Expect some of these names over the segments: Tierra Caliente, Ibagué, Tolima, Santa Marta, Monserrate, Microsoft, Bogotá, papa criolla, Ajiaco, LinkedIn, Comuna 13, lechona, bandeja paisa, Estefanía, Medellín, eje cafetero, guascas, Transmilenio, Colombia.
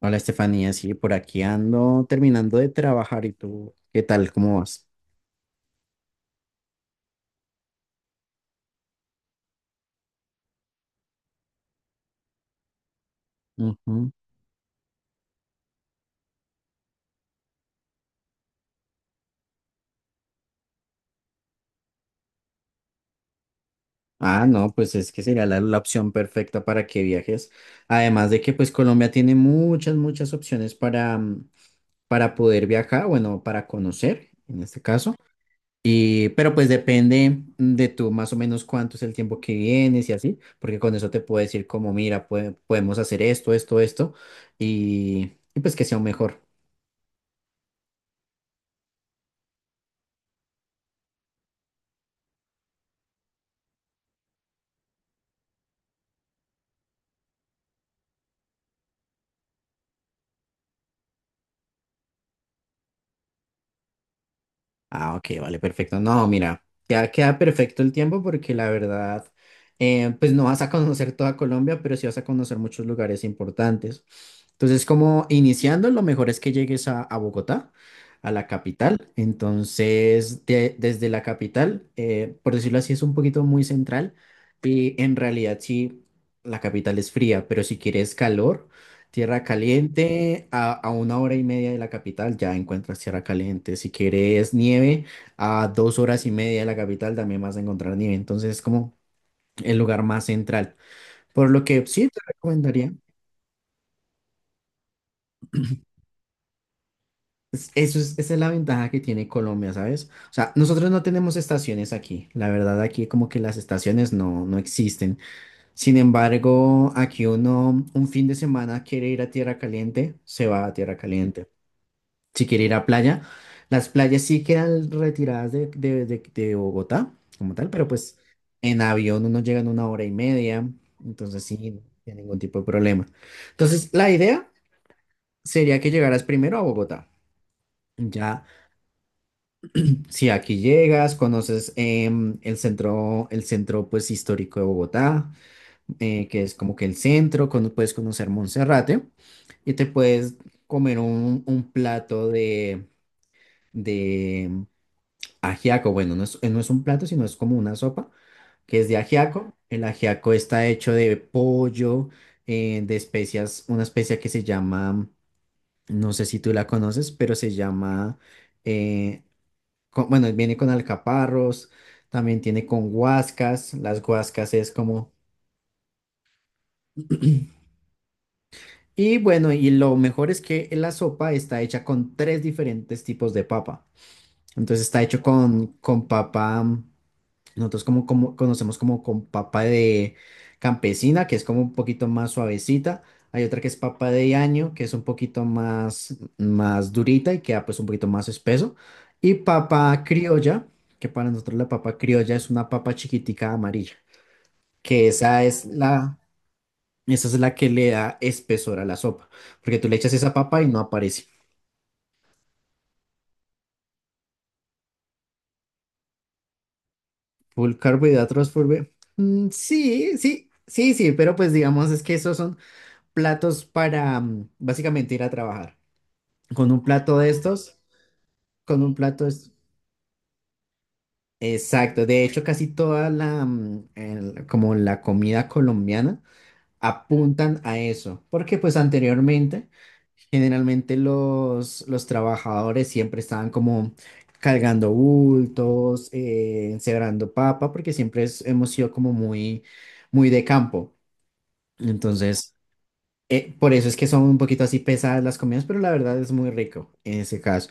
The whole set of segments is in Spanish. Hola Estefanía, sí, por aquí ando terminando de trabajar y tú, ¿qué tal? ¿Cómo vas? Ujú. Ah, no, pues es que sería la opción perfecta para que viajes. Además de que pues Colombia tiene muchas, muchas opciones para, para poder viajar, bueno, para conocer en este caso. Y, pero pues depende de tú más o menos cuánto es el tiempo que vienes y así, porque con eso te puedo decir como, mira, podemos hacer esto, esto, esto, y pues que sea un mejor. Ah, ok, vale, perfecto. No, mira, ya queda perfecto el tiempo porque la verdad, pues no vas a conocer toda Colombia, pero sí vas a conocer muchos lugares importantes. Entonces, como iniciando, lo mejor es que llegues a Bogotá, a la capital. Entonces, desde la capital, por decirlo así, es un poquito muy central y en realidad sí, la capital es fría, pero si quieres calor. Tierra Caliente, a una hora y media de la capital ya encuentras Tierra Caliente. Si quieres nieve, a dos horas y media de la capital también vas a encontrar nieve. Entonces es como el lugar más central, por lo que sí te recomendaría. Eso es, esa es la ventaja que tiene Colombia, ¿sabes? O sea, nosotros no tenemos estaciones aquí. La verdad, aquí como que las estaciones no existen. Sin embargo, aquí uno un fin de semana quiere ir a Tierra Caliente, se va a Tierra Caliente. Si quiere ir a playa, las playas sí quedan retiradas de Bogotá, como tal, pero pues en avión uno llega en una hora y media, entonces sí, no hay ningún tipo de problema. Entonces, la idea sería que llegaras primero a Bogotá. Ya, si aquí llegas, conoces el centro pues histórico de Bogotá, que es como que el centro, cuando puedes conocer Monserrate y te puedes comer un plato de Ajiaco. Bueno, no es, no es un plato, sino es como una sopa que es de ajiaco. El ajiaco está hecho de pollo, de especias, una especia que se llama, no sé si tú la conoces, pero se llama, eh, bueno, viene con alcaparros, también tiene con guascas, las guascas es como… Y bueno, y lo mejor es que la sopa está hecha con tres diferentes tipos de papa. Entonces está hecho con papa. Nosotros como, como conocemos como con papa de campesina, que es como un poquito más suavecita. Hay otra que es papa de año, que es un poquito más, más durita y queda pues un poquito más espeso. Y papa criolla, que para nosotros la papa criolla es una papa chiquitica amarilla, que esa es la que le da espesor a la sopa, porque tú le echas esa papa y no aparece. Full carbohidratos, full… Mm, sí, sí, sí, sí, pero pues digamos es que esos son… platos para básicamente ir a trabajar. Con un plato de estos, con un plato es exacto. De hecho, casi toda la como la comida colombiana apuntan a eso, porque pues anteriormente generalmente los trabajadores siempre estaban como cargando bultos, encebrando papa, porque siempre hemos sido como muy, muy de campo. Entonces, por eso es que son un poquito así pesadas las comidas, pero la verdad es muy rico en ese caso.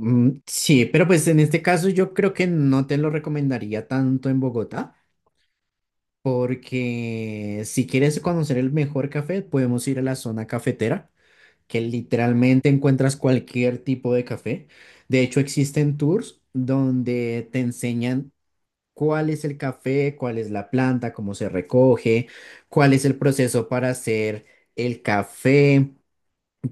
Mm, sí, pero pues en este caso yo creo que no te lo recomendaría tanto en Bogotá, porque si quieres conocer el mejor café, podemos ir a la zona cafetera, que literalmente encuentras cualquier tipo de café. De hecho, existen tours donde te enseñan cuál es el café, cuál es la planta, cómo se recoge, cuál es el proceso para hacer el café.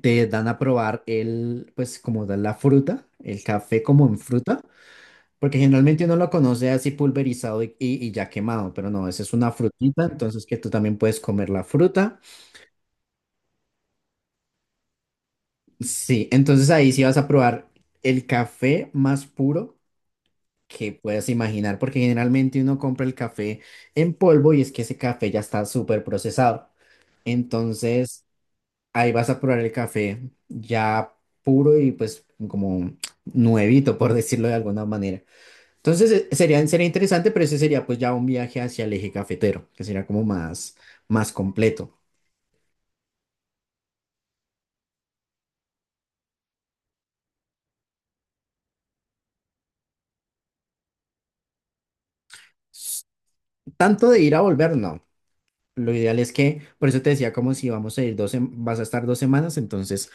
Te dan a probar el, pues como da la fruta, el café como en fruta, porque generalmente uno lo conoce así pulverizado y ya quemado, pero no, esa es una frutita, entonces que tú también puedes comer la fruta. Sí, entonces ahí sí vas a probar el café más puro que puedas imaginar, porque generalmente uno compra el café en polvo y es que ese café ya está súper procesado. Entonces, ahí vas a probar el café ya puro y pues como nuevito, por decirlo de alguna manera. Entonces sería interesante, pero ese sería pues ya un viaje hacia el eje cafetero, que sería como más, más completo. S- Tanto de ir a volver, no. Lo ideal es que, por eso te decía, como si vamos a ir vas a estar dos semanas, entonces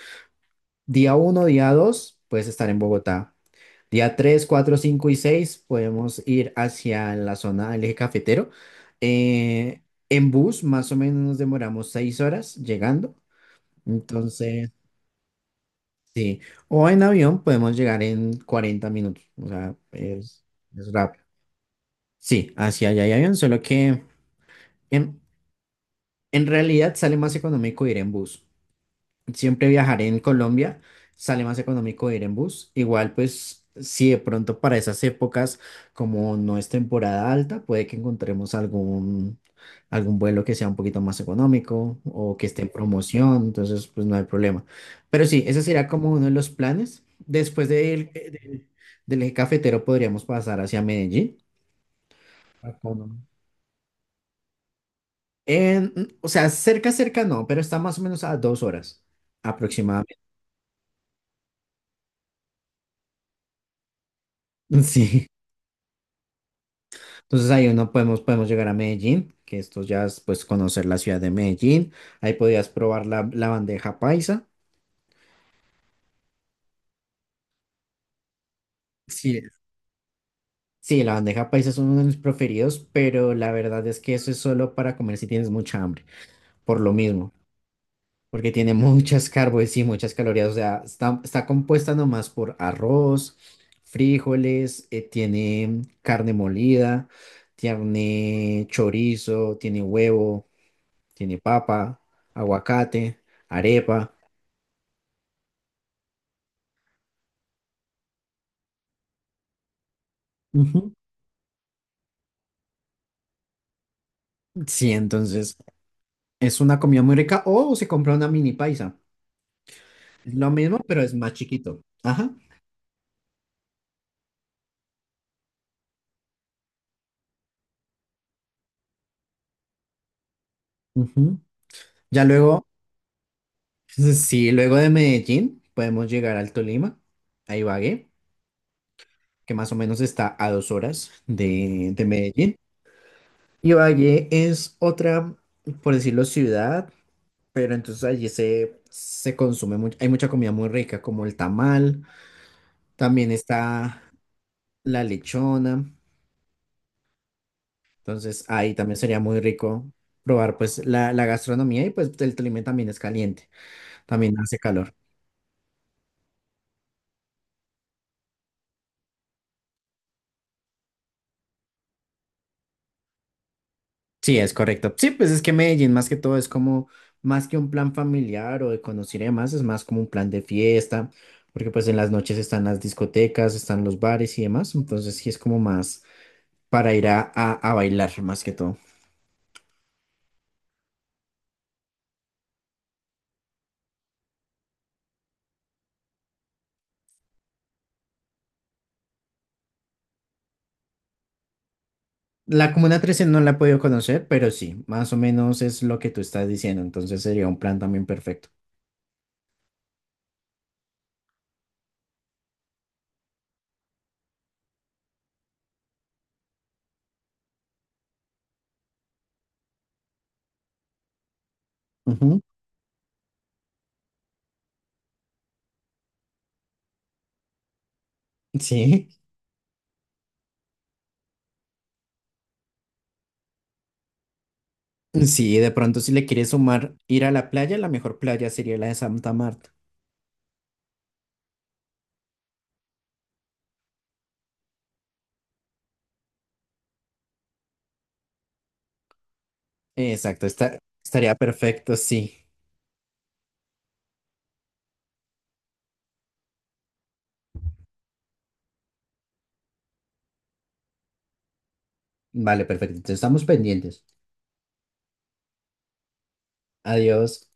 día uno, día dos, puedes estar en Bogotá. Día tres, cuatro, 5 y 6 podemos ir hacia la zona del eje cafetero. Eh, en bus más o menos nos demoramos 6 horas llegando. Entonces, sí. O en avión podemos llegar en 40 minutos. O sea, es rápido. Sí, hacia allá hay avión, solo que en, en realidad sale más económico ir en bus. Siempre viajaré en Colombia, sale más económico ir en bus. Igual, pues, si de pronto para esas épocas, como no es temporada alta, puede que encontremos algún, algún vuelo que sea un poquito más económico o que esté en promoción, entonces, pues, no hay problema. Pero sí, ese sería como uno de los planes. Después de ir, del eje cafetero, podríamos pasar hacia Medellín. Ah, ¿cómo no? En- o sea, cerca, cerca no, pero está más o menos a dos horas aproximadamente. Sí. Entonces ahí uno podemos, podemos llegar a Medellín, que esto ya es pues conocer la ciudad de Medellín. Ahí podías probar la bandeja paisa. Sí, sí, la bandeja paisa es uno de mis preferidos, pero la verdad es que eso es solo para comer si tienes mucha hambre, por lo mismo, porque tiene muchas carbos y muchas calorías, o sea, está, está compuesta nomás por arroz, frijoles, tiene carne molida, tiene chorizo, tiene huevo, tiene papa, aguacate, arepa. Ujú. Sí, entonces es una comida muy rica o se compra una mini paisa. Es lo mismo, pero es más chiquito. Ajá. Ujú. Ya luego, sí, luego de Medellín podemos llegar al Tolima, a Ibagué, que más o menos está a dos horas de Medellín. Ibagué es otra, por decirlo, ciudad, pero entonces allí se, se consume mucho, hay mucha comida muy rica, como el tamal, también está la lechona. Entonces ahí también sería muy rico probar pues la gastronomía y pues el Tolima también es caliente, también hace calor. Sí, es correcto. Sí, pues es que Medellín más que todo es como más que un plan familiar o de conocer y demás, es más como un plan de fiesta, porque pues en las noches están las discotecas, están los bares y demás, entonces sí es como más para ir a bailar más que todo. La Comuna 13 no la he podido conocer, pero sí, más o menos es lo que tú estás diciendo, entonces sería un plan también perfecto. Ujú. Sí, sí, de pronto si le quieres sumar ir a la playa, la mejor playa sería la de Santa Marta. Exacto, está, estaría perfecto, sí. Vale, perfecto. Entonces estamos pendientes. Adiós.